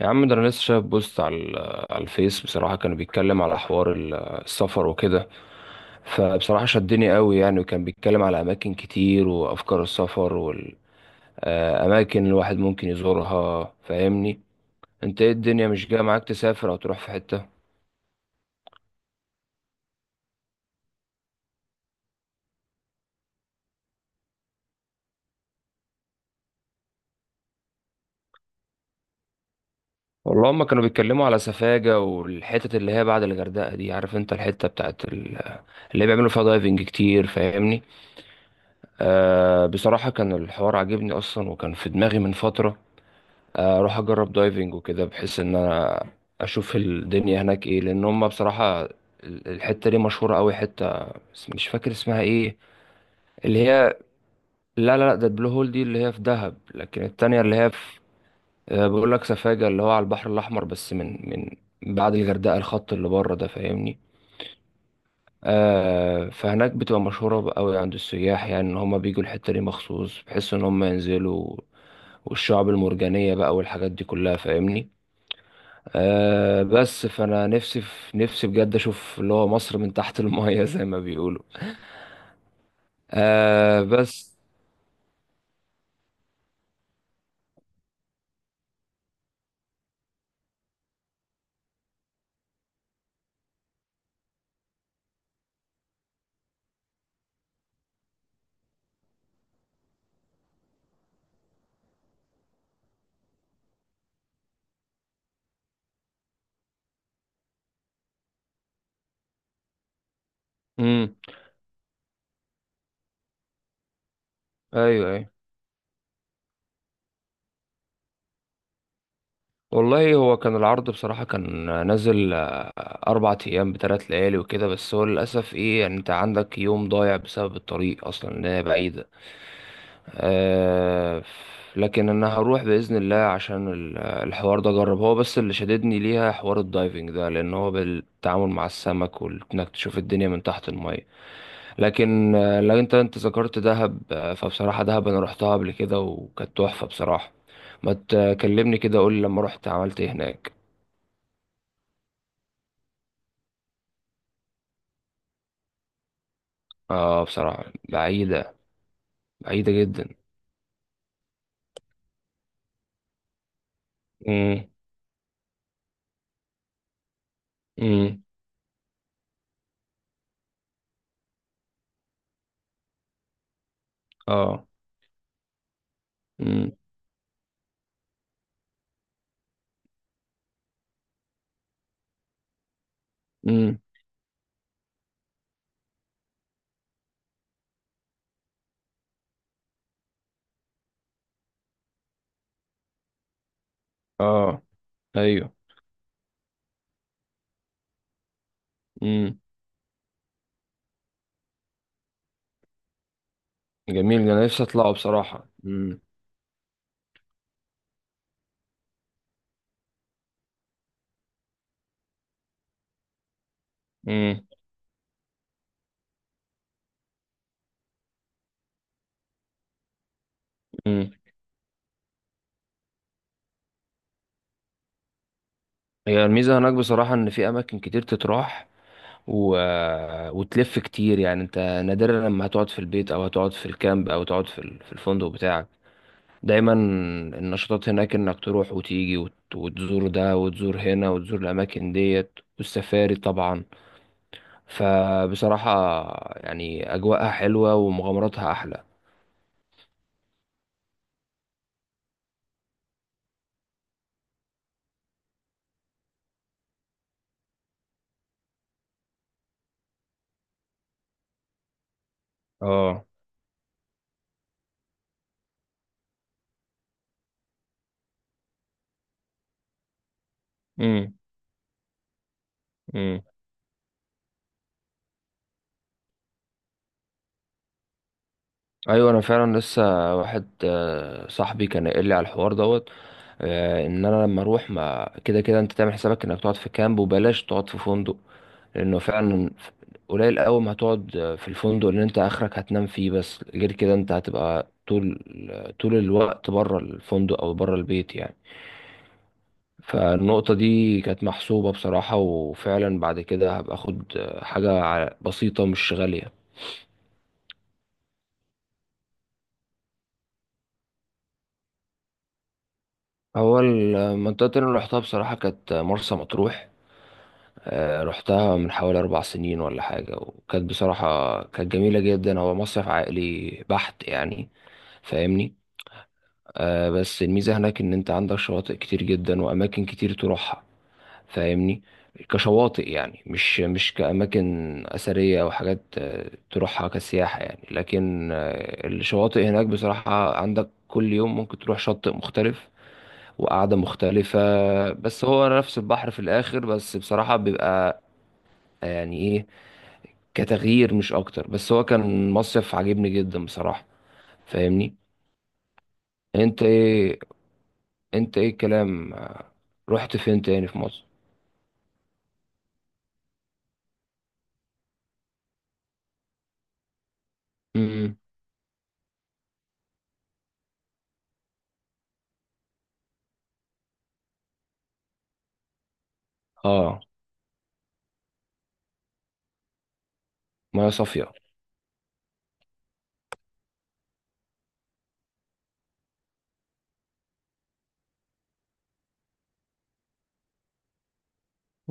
يا عم، ده انا لسه شايف بوست على على الفيس. بصراحه كانوا بيتكلم على حوار السفر وكده، فبصراحه شدني قوي يعني، وكان بيتكلم على اماكن كتير وافكار السفر والاماكن اللي الواحد ممكن يزورها. فاهمني؟ انت ايه، الدنيا مش جايه معاك تسافر او تروح في حته؟ والله هما كانوا بيتكلموا على سفاجة والحتت اللي هي بعد الغردقة دي. عارف انت الحتة بتاعت اللي بيعملوا فيها دايفنج كتير؟ فاهمني؟ بصراحة كان الحوار عاجبني اصلا، وكان في دماغي من فترة اروح اجرب دايفنج وكده، بحيث ان انا اشوف الدنيا هناك ايه. لان هم بصراحه الحته دي مشهوره قوي حته، بس مش فاكر اسمها ايه. اللي هي، لا لا لا، ده البلو هول دي اللي هي في دهب، لكن التانية اللي هي في، بقول لك، سفاجة اللي هو على البحر الاحمر، بس من بعد الغردقه، الخط اللي بره ده. فاهمني؟ فهناك بتبقى مشهوره قوي عند السياح، يعني ان هم بيجوا الحته دي مخصوص بحيث ان هم ينزلوا، والشعب المرجانيه بقى والحاجات دي كلها. فاهمني؟ أه بس، فانا نفسي في نفسي بجد اشوف اللي هو مصر من تحت المايه زي ما بيقولوا. أه بس. امم. ايوه، أيوة. والله، هو كان العرض بصراحة كان نازل، 4 أيام ب3 ليالي وكده، بس هو للأسف إيه يعني، أنت عندك يوم ضايع بسبب الطريق أصلا، إن هي بعيدة. آه لكن أنا هروح بإذن الله عشان الحوار ده أجرب. هو بس اللي شددني ليها حوار الدايفنج ده، لأن هو بالتعامل مع السمك، وإنك تشوف الدنيا من تحت. لكن لو انت ذكرت دهب، فبصراحة دهب انا روحتها قبل كده وكانت تحفة بصراحة. ما تكلمني كده، قول لي لما رحت عملت ايه هناك. اه، بصراحة بعيدة. بعيدة جدا. امم. امم. اه. امم. امم. اه. ايوه. امم. جميل، انا نفسي اطلعه بصراحة. امم. امم. امم. هي الميزة هناك بصراحة ان في اماكن كتير تتراح، و... آه، وتلف كتير يعني. انت نادرا لما هتقعد في البيت، او هتقعد في الكامب، او تقعد في في الفندق بتاعك. دايما النشاطات هناك انك تروح وتيجي، وتزور ده وتزور هنا وتزور الاماكن ديت، والسفاري طبعا. فبصراحة يعني اجواءها حلوة ومغامراتها احلى. اه. امم. امم. ايوه، انا فعلا لسه واحد صاحبي كان قايل لي على الحوار دوت ان انا لما اروح، ما كده كده انت تعمل حسابك انك تقعد في كامب وبلاش تقعد في فندق، لانه فعلا قليل قوي ما هتقعد في الفندق اللي انت اخرك هتنام فيه بس. غير كده انت هتبقى طول الوقت بره الفندق او بره البيت يعني. فالنقطة دي كانت محسوبة بصراحة، وفعلا بعد كده هبقى اخد حاجة بسيطة مش غالية. اول منطقة اللي رحتها بصراحة كانت مرسى مطروح. رحتها من حوالي 4 سنين ولا حاجة، وكانت بصراحة كانت جميلة جدا. هو مصيف عائلي بحت يعني. فاهمني؟ بس الميزة هناك إن أنت عندك شواطئ كتير جدا وأماكن كتير تروحها. فاهمني؟ كشواطئ يعني، مش كأماكن أثرية أو حاجات تروحها كسياحة يعني. لكن الشواطئ هناك بصراحة عندك كل يوم ممكن تروح شاطئ مختلف وقعدة مختلفة. بس هو نفس البحر في الآخر، بس بصراحة بيبقى آه، يعني إيه كتغيير مش أكتر. بس هو كان مصيف عجبني جدا بصراحة. فاهمني؟ أنت إيه انت ايه الكلام، رحت فين تاني في مصر؟ امم. اه، ميه صافيه.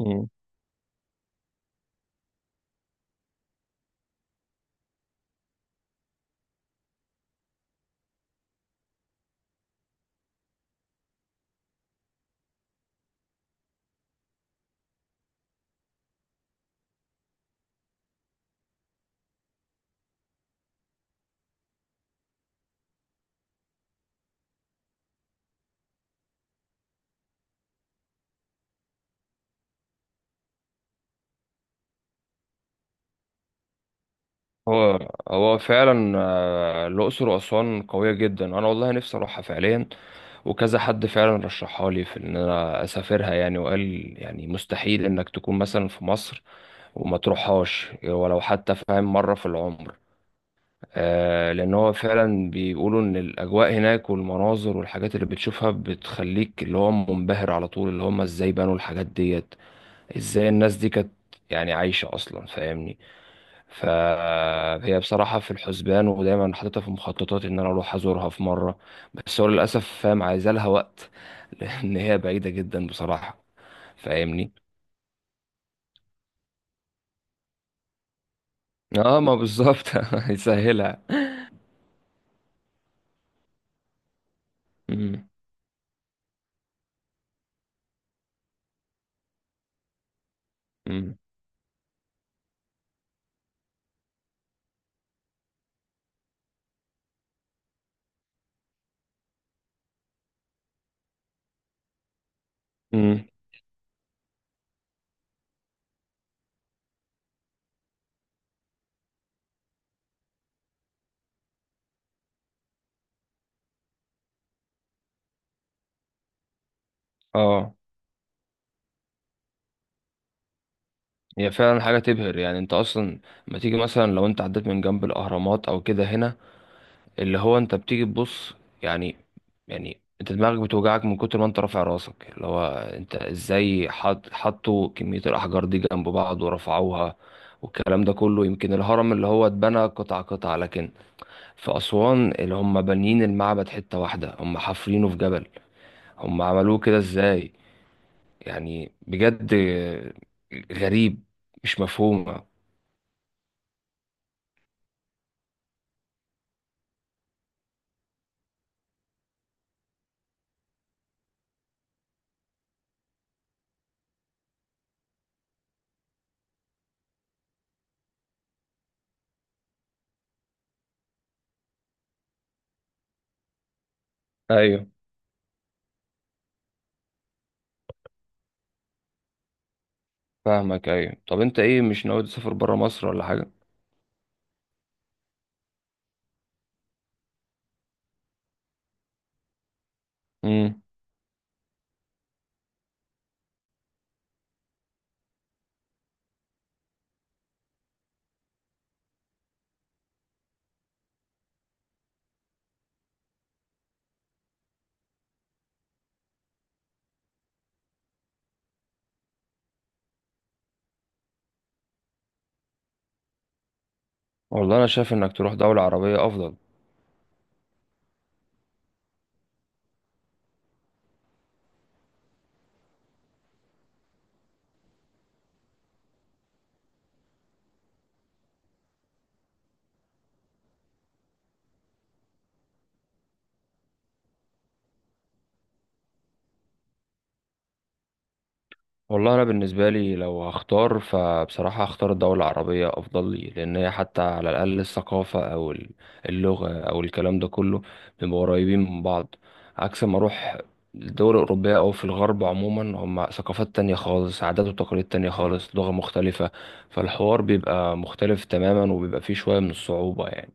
امم. هو هو فعلا الأقصر وأسوان قوية جدا. أنا والله نفسي أروحها فعليا، وكذا حد فعلا رشحها لي في إن أنا أسافرها يعني، وقال يعني مستحيل إنك تكون مثلا في مصر وما تروحهاش ولو حتى فاهم مرة في العمر. لأن هو فعلا بيقولوا إن الأجواء هناك، والمناظر والحاجات اللي بتشوفها، بتخليك اللي هو منبهر على طول. اللي هم إزاي بنوا الحاجات ديت، ازاي الناس دي كانت يعني عايشة اصلا. فاهمني؟ فهي بصراحة في الحسبان، ودايما حاططها في مخططاتي ان انا اروح ازورها في مرة. بس هو للاسف فاهم عايزة لها وقت لان هي بعيدة جدا بصراحة. فاهمني؟ اه، ما بالظبط هيسهلها. مم. مم. مم. اه. هي فعلا حاجة تبهر. يعني انت اصلا لما تيجي مثلا، لو انت عديت من جنب الاهرامات او كده هنا، اللي هو انت بتيجي تبص، يعني، انت دماغك بتوجعك من كتر ما انت رافع راسك، اللي هو انت ازاي حطوا كمية الاحجار دي جنب بعض ورفعوها والكلام ده كله. يمكن الهرم اللي هو اتبنى قطعة قطعة، لكن في أسوان اللي هم بانيين المعبد حتة واحدة، هم حافرينه في جبل. هم عملوه كده ازاي؟ يعني بجد غريب، مش مفهومة. ايوه فاهمك، ايوه. طب انت ايه، مش ناوي تسافر برا مصر ولا حاجة؟ امم. والله انا شايف انك تروح دولة عربية افضل. والله، انا بالنسبة لي لو هختار، فبصراحة هختار الدولة العربية افضل لي، لان هي حتى على الاقل الثقافة او اللغة او الكلام ده كله بيبقوا قريبين من بعض، عكس ما اروح الدول الاوروبية او في الغرب عموما. هم ثقافات تانية خالص، عادات وتقاليد تانية خالص، لغة مختلفة. فالحوار بيبقى مختلف تماما، وبيبقى فيه شوية من الصعوبة يعني.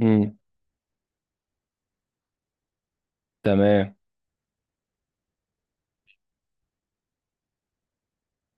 امم. تمام.